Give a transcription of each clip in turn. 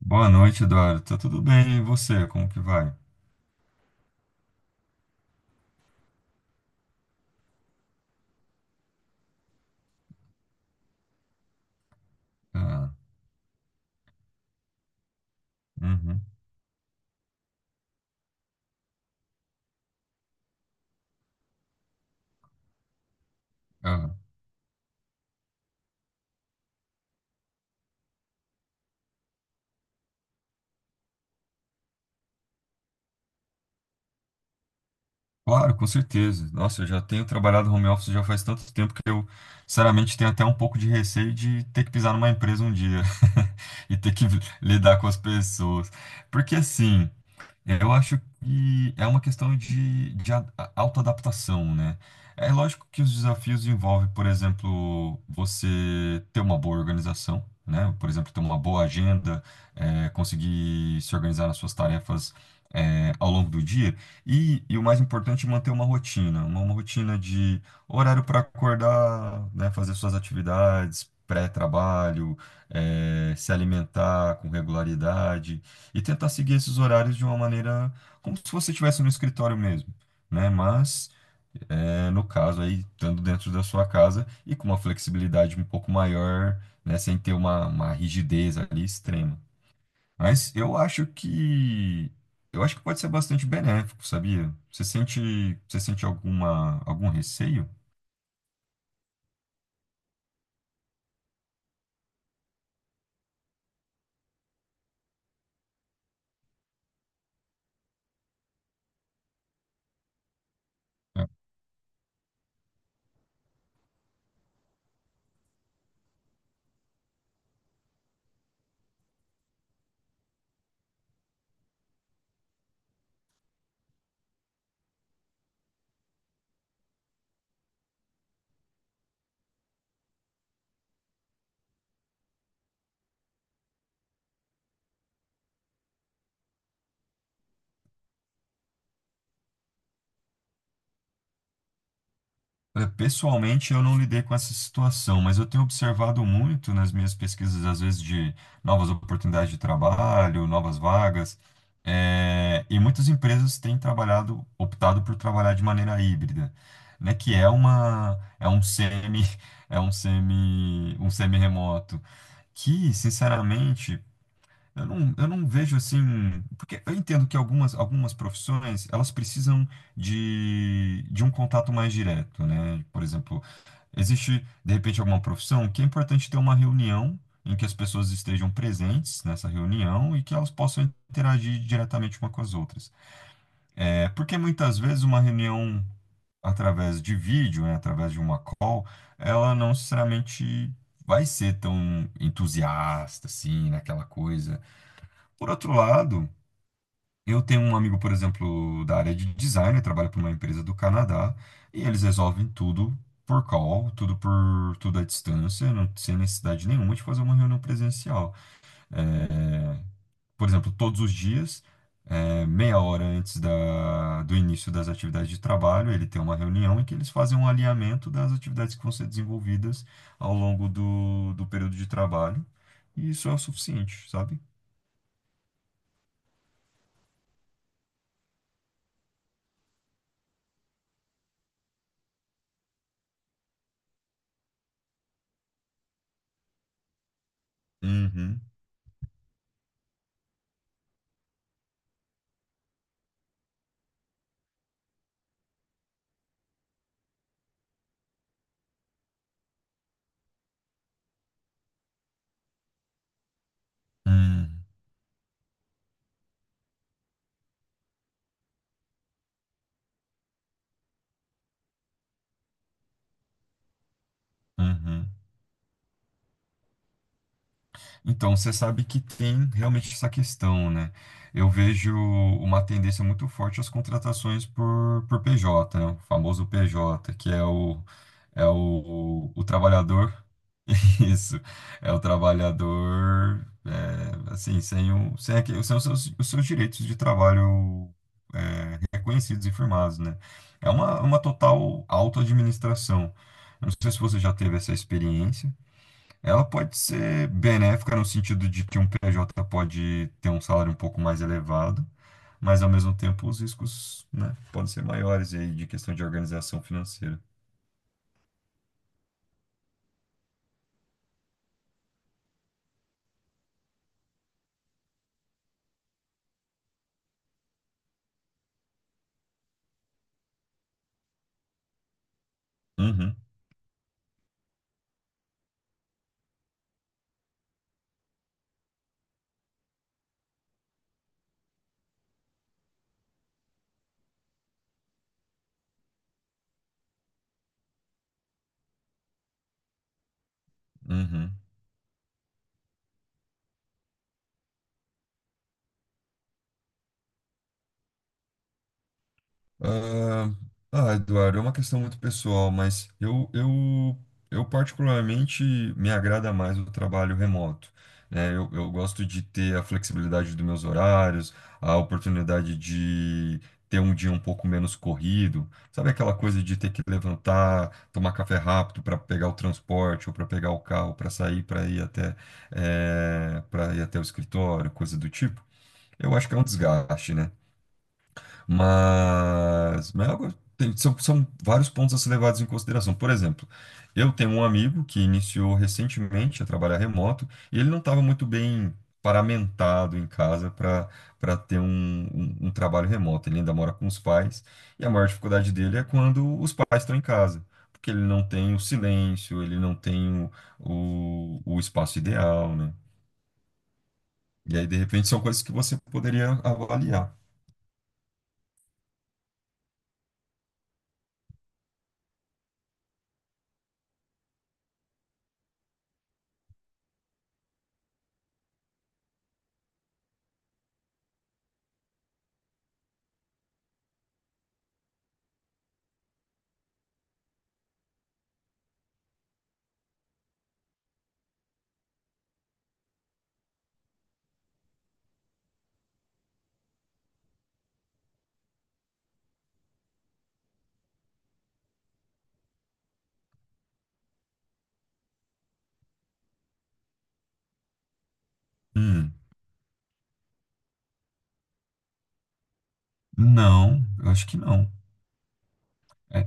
Boa noite, Eduardo. Tá tudo bem? E você? Como que vai? Ah. Uhum. Ah. Claro, com certeza. Nossa, eu já tenho trabalhado home office já faz tanto tempo que eu, sinceramente, tenho até um pouco de receio de ter que pisar numa empresa um dia e ter que lidar com as pessoas. Porque assim, eu acho que é uma questão de autoadaptação, né? É lógico que os desafios envolvem, por exemplo, você ter uma boa organização, né? Por exemplo, ter uma boa agenda, conseguir se organizar nas suas tarefas, ao longo do dia. E o mais importante, é manter uma rotina, uma rotina de horário para acordar, né? Fazer suas atividades, pré-trabalho, se alimentar com regularidade e tentar seguir esses horários de uma maneira como se você estivesse no escritório mesmo, né? Mas, no caso aí, estando dentro da sua casa e com uma flexibilidade um pouco maior, né? Sem ter uma rigidez ali extrema. Mas eu acho que pode ser bastante benéfico, sabia? Você sente alguma, algum receio? Olha, pessoalmente, eu não lidei com essa situação, mas eu tenho observado muito nas minhas pesquisas, às vezes, de novas oportunidades de trabalho, novas vagas, e muitas empresas têm trabalhado, optado por trabalhar de maneira híbrida, né, que é uma, é um semi, um semi-remoto, que, sinceramente, eu não vejo assim, porque eu entendo que algumas profissões, elas precisam de um contato mais direto, né? Por exemplo, existe, de repente, alguma profissão que é importante ter uma reunião em que as pessoas estejam presentes nessa reunião e que elas possam interagir diretamente uma com as outras. É porque muitas vezes uma reunião através de vídeo, né, através de uma call, ela não necessariamente vai ser tão entusiasta assim, naquela coisa. Por outro lado, eu tenho um amigo, por exemplo, da área de design, ele trabalha para uma empresa do Canadá, e eles resolvem tudo por call, tudo por tudo à distância, sem necessidade nenhuma de fazer uma reunião presencial. Por exemplo, todos os dias, meia hora antes do início das atividades de trabalho, ele tem uma reunião em que eles fazem um alinhamento das atividades que vão ser desenvolvidas ao longo do período de trabalho, e isso é o suficiente, sabe? Uhum. Hum. Uhum. Então, você sabe que tem realmente essa questão, né? Eu vejo uma tendência muito forte às contratações por PJ, né? O famoso PJ, que é o trabalhador. Isso, é o trabalhador, assim, sem, o, sem, aque- sem os seus direitos de trabalho reconhecidos e firmados, né? É uma total auto-administração. Eu não sei se você já teve essa experiência. Ela pode ser benéfica no sentido de que um PJ pode ter um salário um pouco mais elevado, mas ao mesmo tempo os riscos, né, podem ser maiores e aí de questão de organização financeira. Uhum, uhum. Ah, ah, Eduardo, é uma questão muito pessoal, mas eu particularmente me agrada mais o trabalho remoto, né? Eu gosto de ter a flexibilidade dos meus horários, a oportunidade de ter um dia um pouco menos corrido, sabe aquela coisa de ter que levantar, tomar café rápido para pegar o transporte ou para pegar o carro para sair para ir até o escritório, coisa do tipo. Eu acho que é um desgaste, né? Mas são vários pontos a ser levados em consideração. Por exemplo, eu tenho um amigo que iniciou recentemente a trabalhar remoto e ele não estava muito bem paramentado em casa para ter um trabalho remoto. Ele ainda mora com os pais e a maior dificuldade dele é quando os pais estão em casa, porque ele não tem o silêncio, ele não tem o espaço ideal, né? E aí, de repente, são coisas que você poderia avaliar. Hum, não, eu acho que não. É.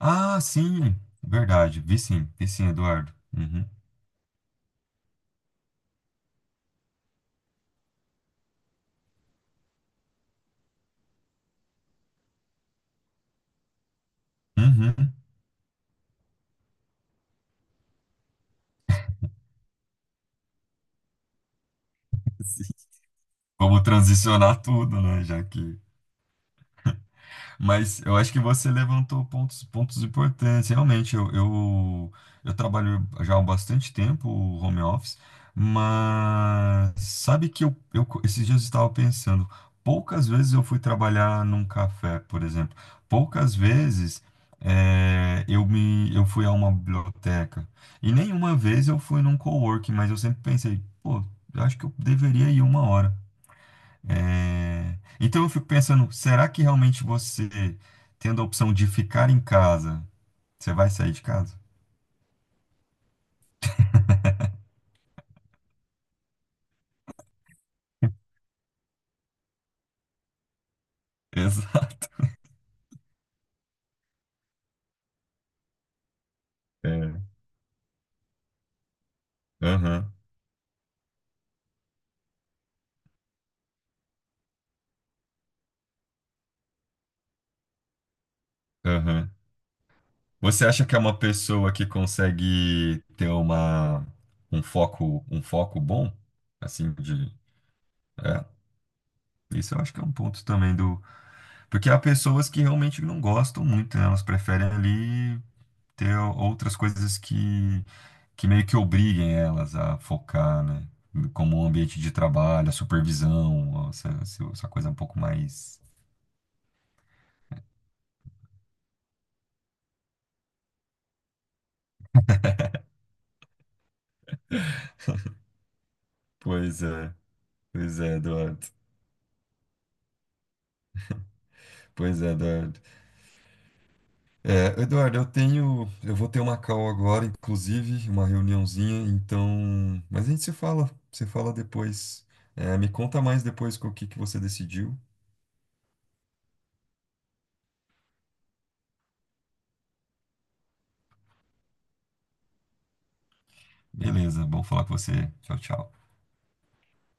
Ah, sim, verdade. Vi sim, Eduardo. Uhum. Uhum. Sim. Como transicionar tudo, né? Já que Mas eu acho que você levantou pontos importantes. Realmente, eu trabalho já há bastante tempo home office, mas sabe que esses dias eu estava pensando, poucas vezes eu fui trabalhar num café, por exemplo. Poucas vezes eu fui a uma biblioteca. E nenhuma vez eu fui num coworking, mas eu sempre pensei, pô, eu acho que eu deveria ir uma hora. É, então eu fico pensando, será que realmente você, tendo a opção de ficar em casa, você vai sair de casa? Exato. É. Aham, aham. Você acha que é uma pessoa que consegue ter um foco bom? Assim, de. É, isso eu acho que é um ponto também do. Porque há pessoas que realmente não gostam muito, né? Elas preferem ali ter outras coisas que meio que obriguem elas a focar, né? Como o ambiente de trabalho, a supervisão, essa coisa um pouco mais. Pois é, pois é, Eduardo. Pois é, Eduardo. É, Eduardo, eu vou ter uma call agora, inclusive, uma reuniãozinha, então, mas a gente se fala, se fala depois. É, me conta mais depois com o que que você decidiu. Beleza, bom falar com você. Tchau, tchau.